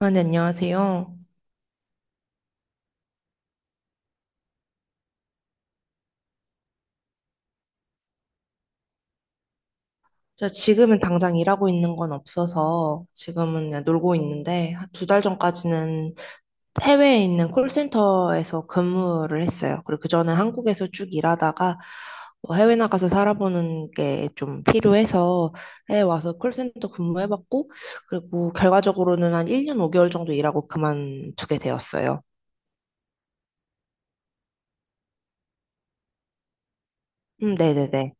아, 네, 안녕하세요. 저 지금은 당장 일하고 있는 건 없어서 지금은 그냥 놀고 있는데, 2달 전까지는 해외에 있는 콜센터에서 근무를 했어요. 그리고 그전에 한국에서 쭉 일하다가 뭐 해외 나가서 살아보는 게 좀 필요해서 해외 와서 콜센터 근무해봤고, 그리고 결과적으로는 한 1년 5개월 정도 일하고 그만두게 되었어요. 네네네.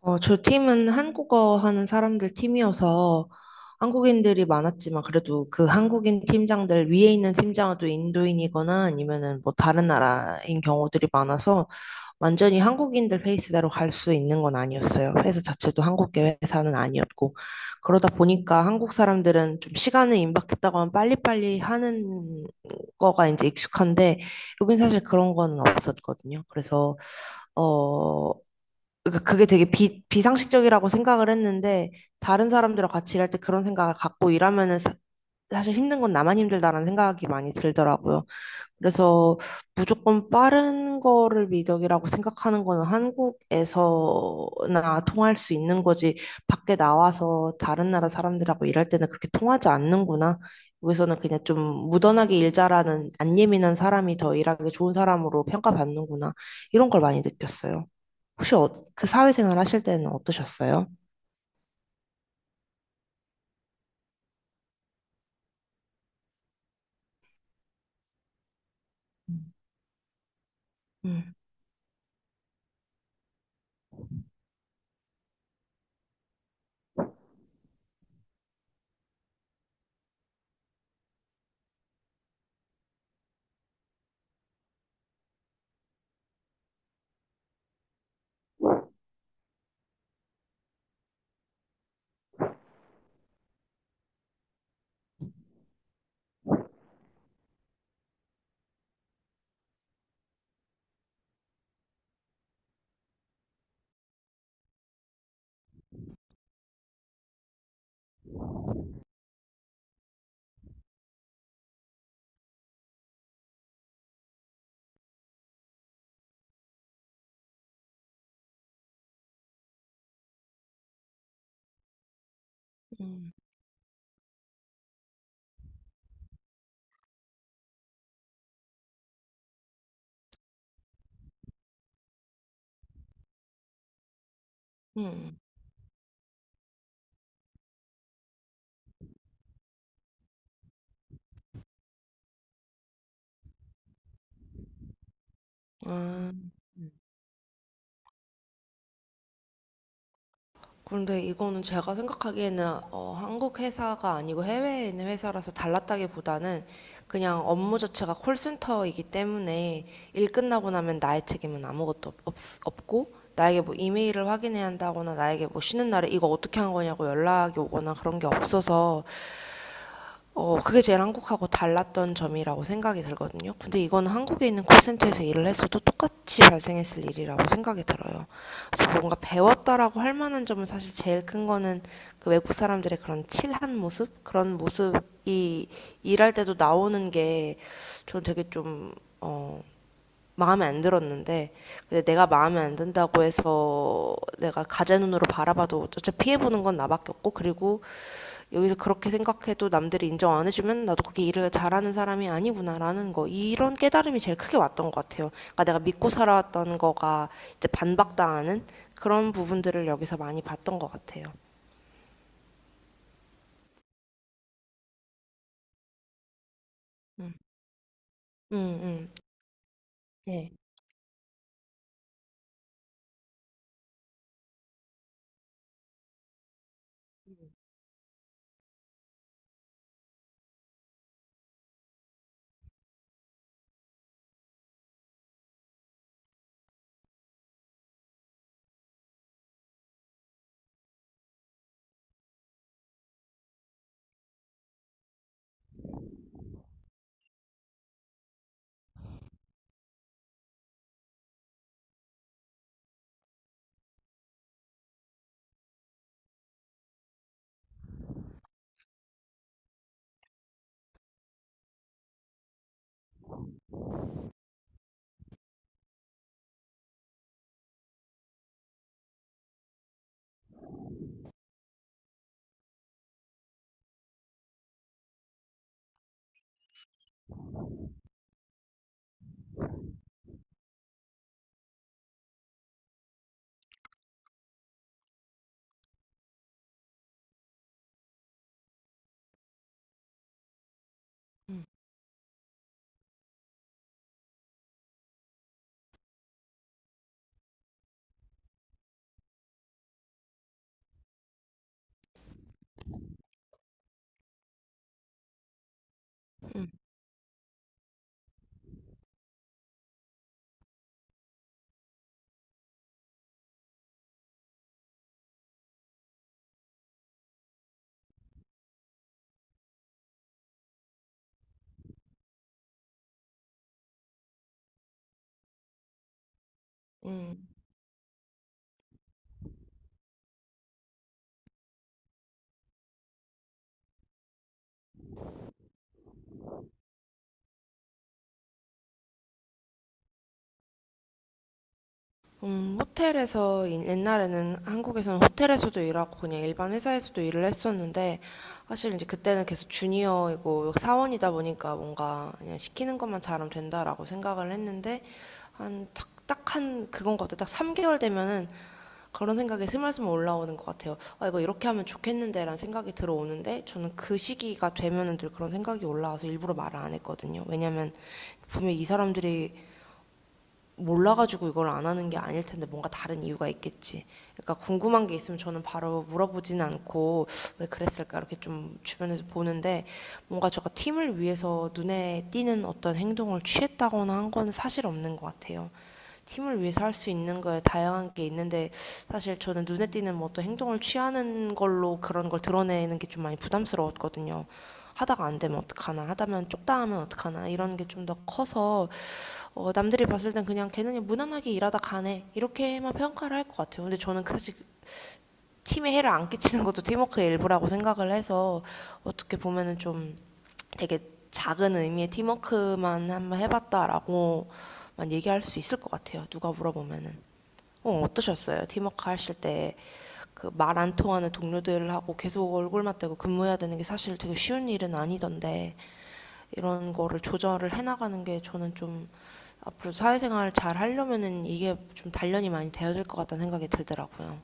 저 팀은 한국어 하는 사람들 팀이어서 한국인들이 많았지만, 그래도 그 한국인 팀장들 위에 있는 팀장은 또 인도인이거나 아니면은 뭐 다른 나라인 경우들이 많아서 완전히 한국인들 페이스대로 갈 수 있는 건 아니었어요. 회사 자체도 한국계 회사는 아니었고, 그러다 보니까 한국 사람들은 좀 시간을 임박했다고 하면 빨리빨리 하는 거가 이제 익숙한데, 여긴 사실 그런 거는 없었거든요. 그래서 어, 그게 되게 비상식적이라고 생각을 했는데, 다른 사람들과 같이 일할 때 그런 생각을 갖고 일하면은 사, 실 힘든 건 나만 힘들다라는 생각이 많이 들더라고요. 그래서 무조건 빠른 거를 미덕이라고 생각하는 거는 한국에서나 통할 수 있는 거지, 밖에 나와서 다른 나라 사람들하고 일할 때는 그렇게 통하지 않는구나. 여기서는 그냥 좀 무던하게 일 잘하는, 안 예민한 사람이 더 일하기 좋은 사람으로 평가받는구나. 이런 걸 많이 느꼈어요. 혹시 그 사회생활 하실 때는 어떠셨어요? 음, 음, 음, 아, 음. 그런데 이거는 제가 생각하기에는 한국 회사가 아니고 해외에 있는 회사라서 달랐다기보다는, 그냥 업무 자체가 콜센터이기 때문에 일 끝나고 나면 나의 책임은 아무것도 없고, 나에게 뭐 이메일을 확인해야 한다거나 나에게 뭐 쉬는 날에 이거 어떻게 한 거냐고 연락이 오거나 그런 게 없어서, 그게 제일 한국하고 달랐던 점이라고 생각이 들거든요. 근데 이건 한국에 있는 콜센터에서 일을 했어도 똑같이 발생했을 일이라고 생각이 들어요. 그래서 뭔가 배웠다라고 할 만한 점은, 사실 제일 큰 거는 그 외국 사람들의 그런 칠한 모습? 그런 모습이 일할 때도 나오는 게 저는 되게 좀, 어, 마음에 안 들었는데, 근데 내가 마음에 안 든다고 해서 내가 가재 눈으로 바라봐도 어차피 피해보는 건 나밖에 없고, 그리고 여기서 그렇게 생각해도 남들이 인정 안 해주면 나도 그렇게 일을 잘하는 사람이 아니구나라는 거, 이런 깨달음이 제일 크게 왔던 것 같아요. 그러니까 내가 믿고 살아왔던 거가 이제 반박당하는 그런 부분들을 여기서 많이 봤던 것 같아요. 음, 음, 음. 네, 음. 호텔에서, 옛날에는 한국에서는 호텔에서도 일하고 그냥 일반 회사에서도 일을 했었는데, 사실 이제 그때는 계속 주니어이고 사원이다 보니까 뭔가 그냥 시키는 것만 잘하면 된다라고 생각을 했는데, 한 딱 한 그건 것 같아요. 딱 3개월 되면은 그런 생각이 스멀스멀 올라오는 것 같아요. 아, 이거 이렇게 하면 좋겠는데라는 생각이 들어오는데, 저는 그 시기가 되면은 늘 그런 생각이 올라와서 일부러 말을 안 했거든요. 왜냐면 분명히 이 사람들이 몰라가지고 이걸 안 하는 게 아닐 텐데, 뭔가 다른 이유가 있겠지. 그러니까 궁금한 게 있으면 저는 바로 물어보진 않고 왜 그랬을까 이렇게 좀 주변에서 보는데, 뭔가 제가 팀을 위해서 눈에 띄는 어떤 행동을 취했다거나 한 건 사실 없는 것 같아요. 팀을 위해서 할 수 있는 거에 다양한 게 있는데, 사실 저는 눈에 띄는 뭐 어떤 행동을 취하는 걸로 그런 걸 드러내는 게 좀 많이 부담스러웠거든요. 하다가 안 되면 어떡하나, 하다면 쪽다 하면 어떡하나, 이런 게 좀 더 커서, 남들이 봤을 땐 그냥 걔는 그냥 무난하게 일하다 가네 이렇게만 평가를 할 것 같아요. 근데 저는 그 사실 팀에 해를 안 끼치는 것도 팀워크의 일부라고 생각을 해서, 어떻게 보면은 좀 되게 작은 의미의 팀워크만 한번 해봤다라고만 얘기할 수 있을 것 같아요, 누가 물어보면은. 어떠셨어요? 팀워크 하실 때 그 말 안 통하는 동료들하고 계속 얼굴 맞대고 근무해야 되는 게 사실 되게 쉬운 일은 아니던데, 이런 거를 조절을 해나가는 게 저는 좀 앞으로 사회생활 을 잘 하려면은 이게 좀 단련이 많이 되어야 될 것 같다는 생각이 들더라고요.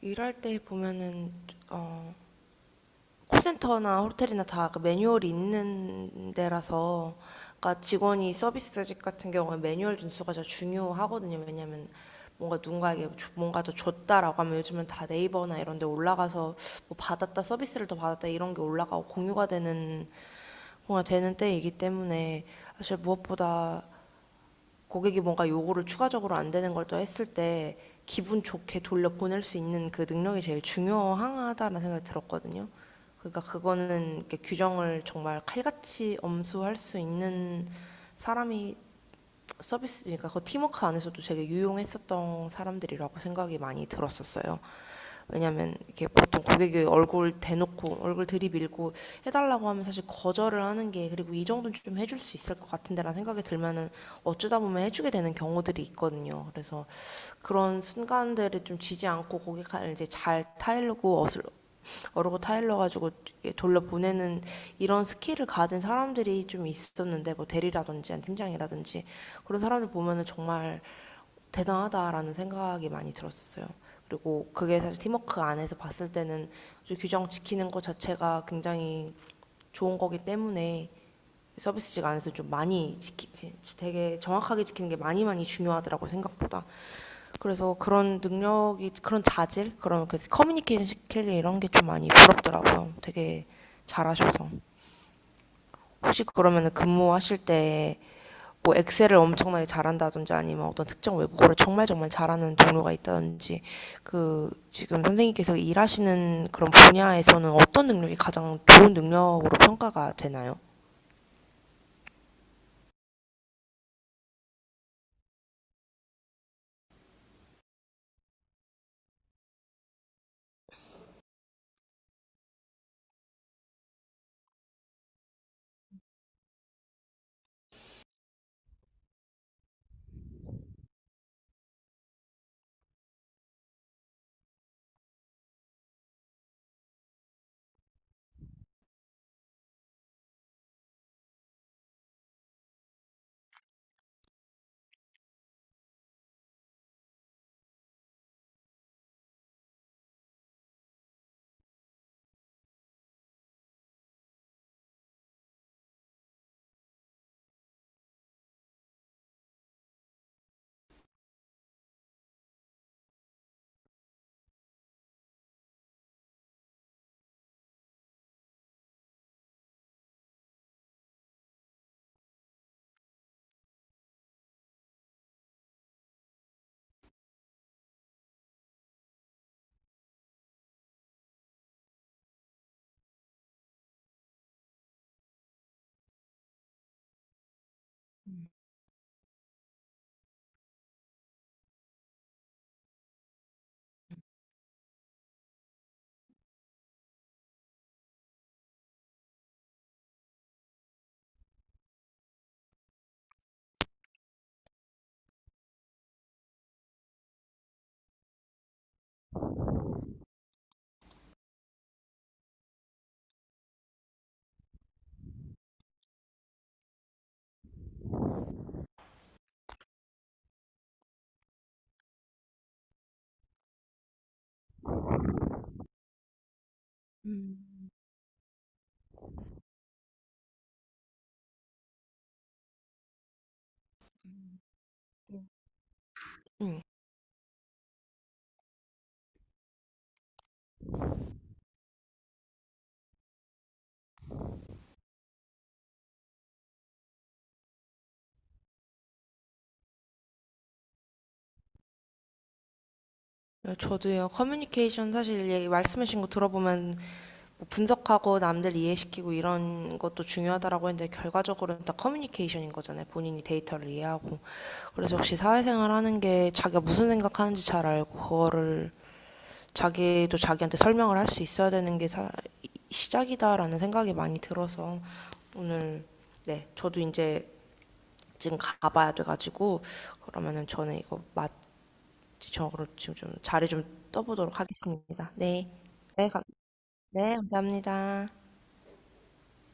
일할 때 보면은 어, 콜센터나 호텔이나 다그 매뉴얼이 있는 데라서, 그러니까 직원이 서비스직 같은 경우에 매뉴얼 준수가 더 중요하거든요. 왜냐면 뭔가 누군가에게 뭔가 더 줬다라고 하면, 요즘은 다 네이버나 이런 데 올라가서 뭐 받았다, 서비스를 더 받았다, 이런 게 올라가고 공유가 되는 때이기 때문에 사실 무엇보다 고객이 뭔가 요구를 추가적으로 안 되는 걸 또 했을 때 기분 좋게 돌려 보낼 수 있는 그 능력이 제일 중요하다는 생각이 들었거든요. 그러니까 그거는 규정을 정말 칼같이 엄수할 수 있는 사람이, 서비스니까 그 팀워크 안에서도 되게 유용했었던 사람들이라고 생각이 많이 들었었어요. 왜냐면 이렇게 보통 고객이 얼굴 대놓고 얼굴 들이밀고 해달라고 하면, 사실 거절을 하는 게, 그리고 이 정도는 좀 해줄 수 있을 것 같은데라는 생각이 들면은 어쩌다 보면 해주게 되는 경우들이 있거든요. 그래서 그런 순간들을 좀 지지 않고 고객을 이제 잘 타일르고, 어르고 타일러 가지고 돌려보내는, 이런 스킬을 가진 사람들이 좀 있었는데, 뭐 대리라든지 아니면 팀장이라든지 그런 사람들 보면은 정말 대단하다라는 생각이 많이 들었었어요. 그리고 그게 사실 팀워크 안에서 봤을 때는 규정 지키는 것 자체가 굉장히 좋은 거기 때문에, 서비스직 안에서 좀 많이 되게 정확하게 지키는 게 많이 많이 중요하더라고 요, 생각보다. 그래서 그런 능력이, 그런 자질, 그런 그 커뮤니케이션 스킬, 이런 게 좀 많이 부럽더라고요. 되게 잘하셔서. 혹시 그러면 근무하실 때 뭐 엑셀을 엄청나게 잘한다든지, 아니면 어떤 특정 외국어를 정말 정말 잘하는 동료가 있다든지, 그 지금 선생님께서 일하시는 그런 분야에서는 어떤 능력이 가장 좋은 능력으로 평가가 되나요? 음. 저도요. 커뮤니케이션, 사실 말씀하신 거 들어보면 뭐 분석하고 남들 이해시키고 이런 것도 중요하다라고 했는데, 결과적으로는 다 커뮤니케이션인 거잖아요. 본인이 데이터를 이해하고. 그래서 역시 사회생활 하는 게 자기가 무슨 생각하는지 잘 알고 그거를 자기도 자기한테 설명을 할 수 있어야 되는 게 시작이다라는 생각이 많이 들어서. 오늘. 네, 저도 이제 지금 가봐야 돼가지고, 그러면은 저는 이거 맞 저거를 지금 좀 자리 좀 떠보도록 하겠습니다. 네, 네, 네, 감사합니다.